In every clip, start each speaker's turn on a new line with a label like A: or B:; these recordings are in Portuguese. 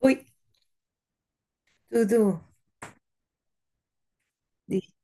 A: Oi, tudo. Diz.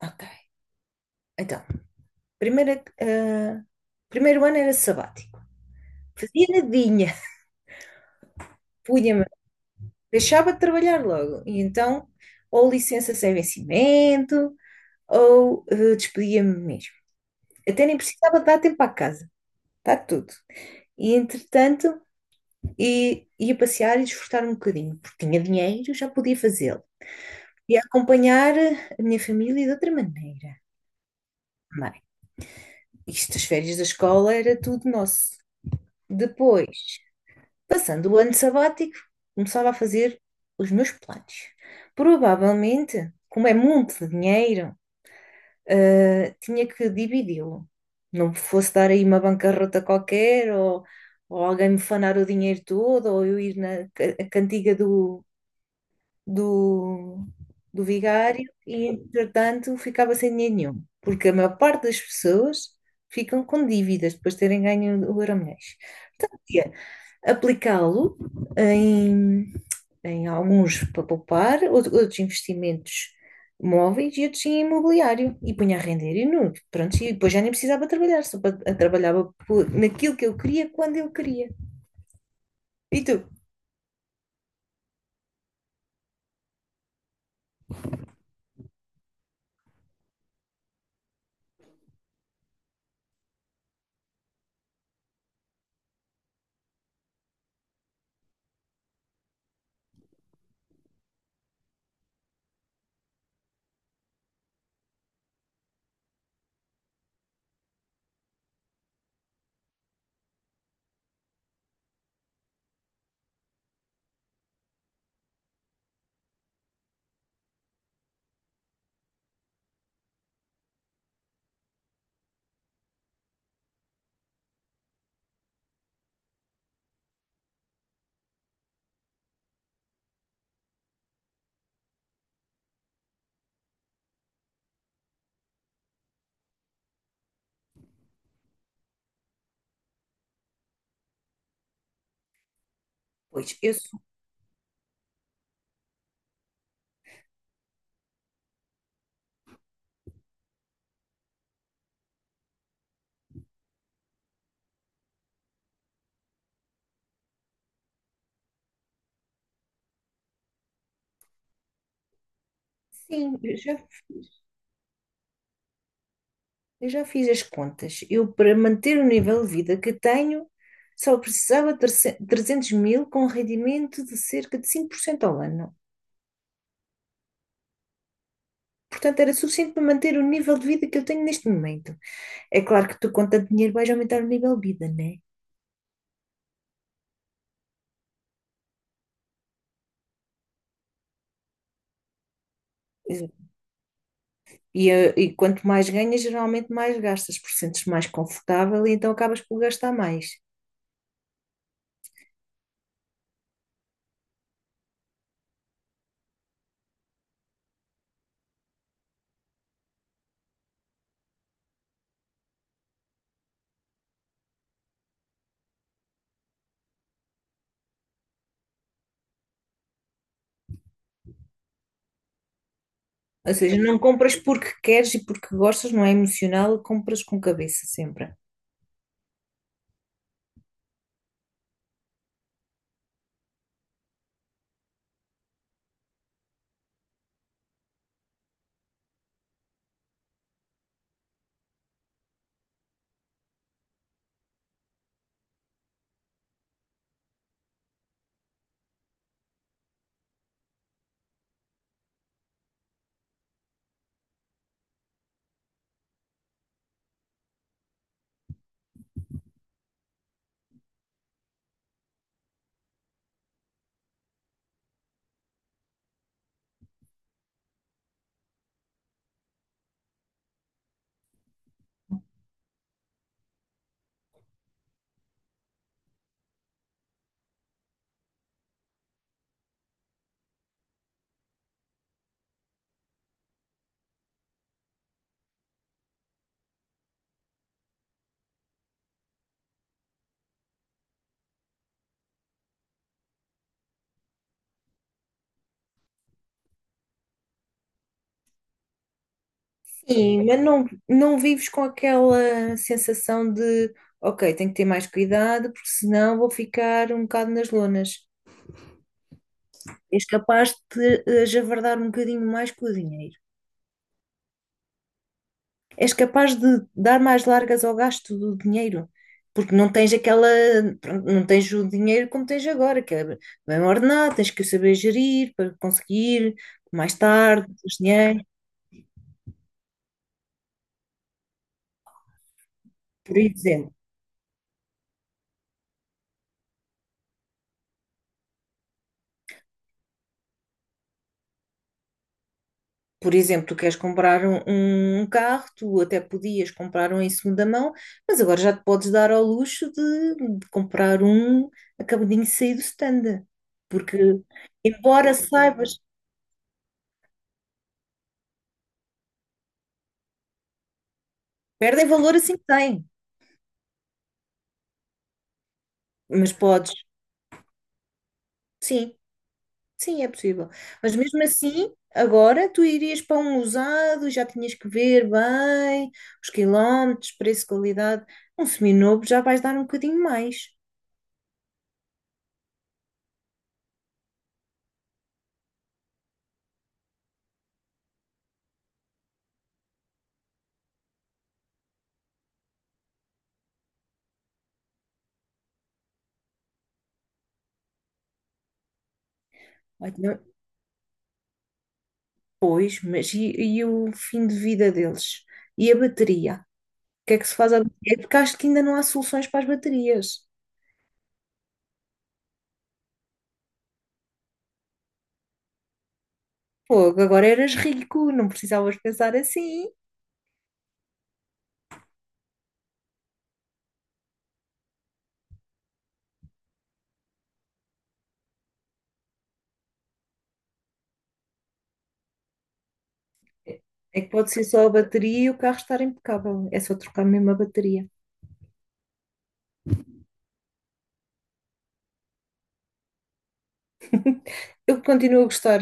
A: Ok. Então, primeira, ah, primeiro ano era sabático. Fazia nadinha. Punha-me, deixava de trabalhar logo. E então, ou licença sem vencimento, ou despedia-me mesmo. Até nem precisava dar tempo à casa. Está tudo. E entretanto, ia passear e desfrutar um bocadinho, porque tinha dinheiro, já podia fazê-lo. E acompanhar a minha família de outra maneira. Bem, isto, as férias da escola era tudo nosso. Depois. Passando o ano sabático, começava a fazer os meus planos. Provavelmente, como é muito de dinheiro, tinha que dividi-lo. Não fosse dar aí uma bancarrota qualquer, ou alguém me fanar o dinheiro todo, ou eu ir na a cantiga do, do vigário e, entretanto, ficava sem dinheiro nenhum. Porque a maior parte das pessoas ficam com dívidas depois de terem ganho o Euromilhões. Tinha aplicá-lo em tem alguns para poupar, outros investimentos móveis e outros em imobiliário. E punha a render e nu, pronto, e depois já nem precisava trabalhar, só trabalhava naquilo que eu queria, quando eu queria. E tu? Pois, eu sou- sim, eu já fiz as contas. Eu, para manter o nível de vida que tenho, só precisava de 300.000 com rendimento de cerca de 5% ao ano. Portanto, era suficiente para manter o nível de vida que eu tenho neste momento. É claro que tu, com tanto dinheiro, vais aumentar o nível de vida, né? E quanto mais ganhas, geralmente mais gastas, porque sentes mais confortável e então acabas por gastar mais. Ou seja, não compras porque queres e porque gostas, não é emocional, compras com cabeça sempre. Sim, mas não, não vives com aquela sensação de, ok, tenho que ter mais cuidado, porque senão vou ficar um bocado nas lonas. És capaz de javardar um bocadinho mais com o dinheiro. És capaz de dar mais largas ao gasto do dinheiro, porque não tens aquela, pronto, não tens o dinheiro como tens agora, que é bem ordenado, tens que o saber gerir para conseguir mais tarde, mais dinheiro, por exemplo. Por exemplo, tu queres comprar um, um carro, tu até podias comprar um em segunda mão, mas agora já te podes dar ao luxo de comprar um acabadinho de sair do stand. Porque, embora saibas, perdem valor assim que têm, mas podes. Sim, sim, é possível. Mas mesmo assim, agora tu irias para um usado, já tinhas que ver bem os quilómetros, preço, qualidade. Um seminovo já vais dar um bocadinho mais. Pois, mas e o fim de vida deles? E a bateria? O que é que se faz à bateria? É porque acho que ainda não há soluções para as baterias. Pô, agora eras rico, não precisavas pensar assim. É que pode ser só a bateria e o carro estar impecável. É só trocar mesmo a bateria. Eu continuo a gostar,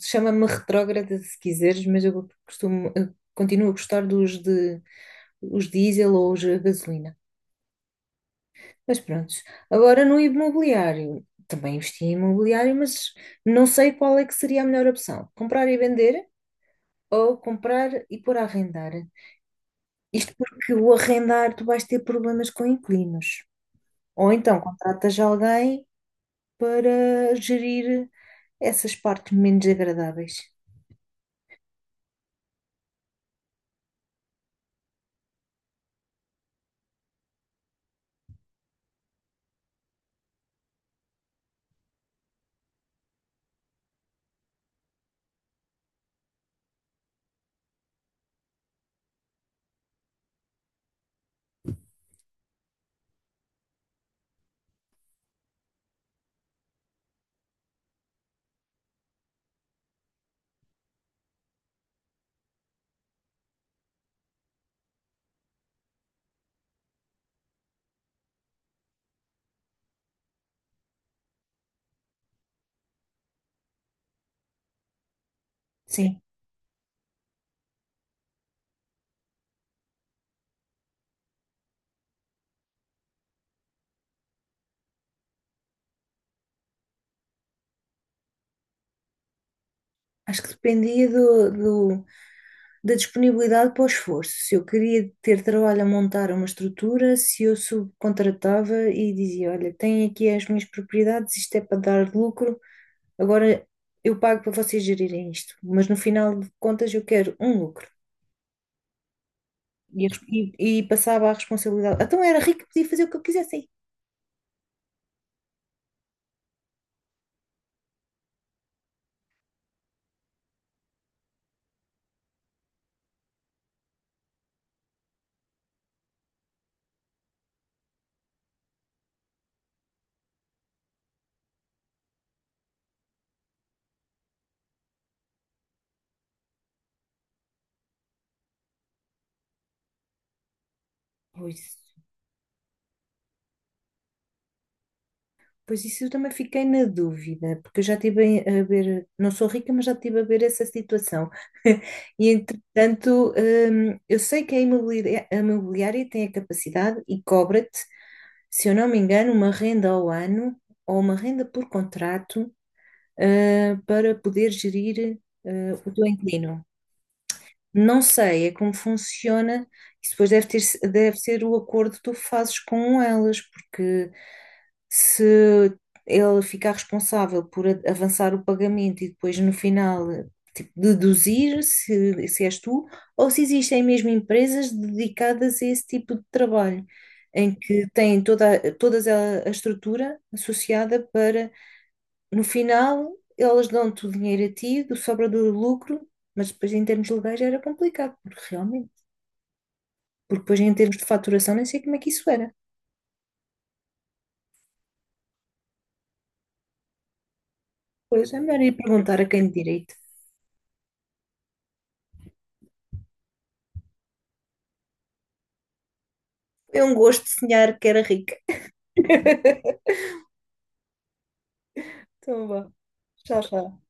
A: chama-me retrógrada se quiseres, mas eu costumo, eu continuo a gostar dos de os diesel ou os a gasolina. Mas pronto, agora no imobiliário, também investi em imobiliário, mas não sei qual é que seria a melhor opção, comprar e vender ou comprar e pôr a arrendar. Isto porque o arrendar tu vais ter problemas com inquilinos. Ou então contratas alguém para gerir essas partes menos agradáveis. Sim, acho que dependia do- da disponibilidade para o esforço. Se eu queria ter trabalho a montar uma estrutura, se eu subcontratava e dizia: Olha, tenho aqui as minhas propriedades, isto é para dar lucro, agora eu pago para vocês gerirem isto, mas no final de contas eu quero um lucro. E, e passava a responsabilidade. Então era rico, podia fazer o que eu quisesse aí. Pois. Pois isso eu também fiquei na dúvida, porque eu já estive a ver, não sou rica, mas já estive a ver essa situação. E entretanto, eu sei que a imobiliária tem a capacidade e cobra-te, se eu não me engano, uma renda ao ano ou uma renda por contrato, para poder gerir, ah, o teu inquilino. Não sei, é como funciona. Isso depois deve ter, deve ser o acordo que tu fazes com elas, porque se ela ficar responsável por avançar o pagamento e depois no final tipo, deduzir se és tu, ou se existem mesmo empresas dedicadas a esse tipo de trabalho, em que têm todas a estrutura associada para no final, elas dão-te o dinheiro a ti, do sobra do lucro, mas depois em termos legais era complicado, porque realmente, porque depois em termos de faturação nem sei como é que isso era. Pois é melhor ir perguntar a quem de direito. Foi um gosto de sonhar que era rica. Então vá, tchau, tchau.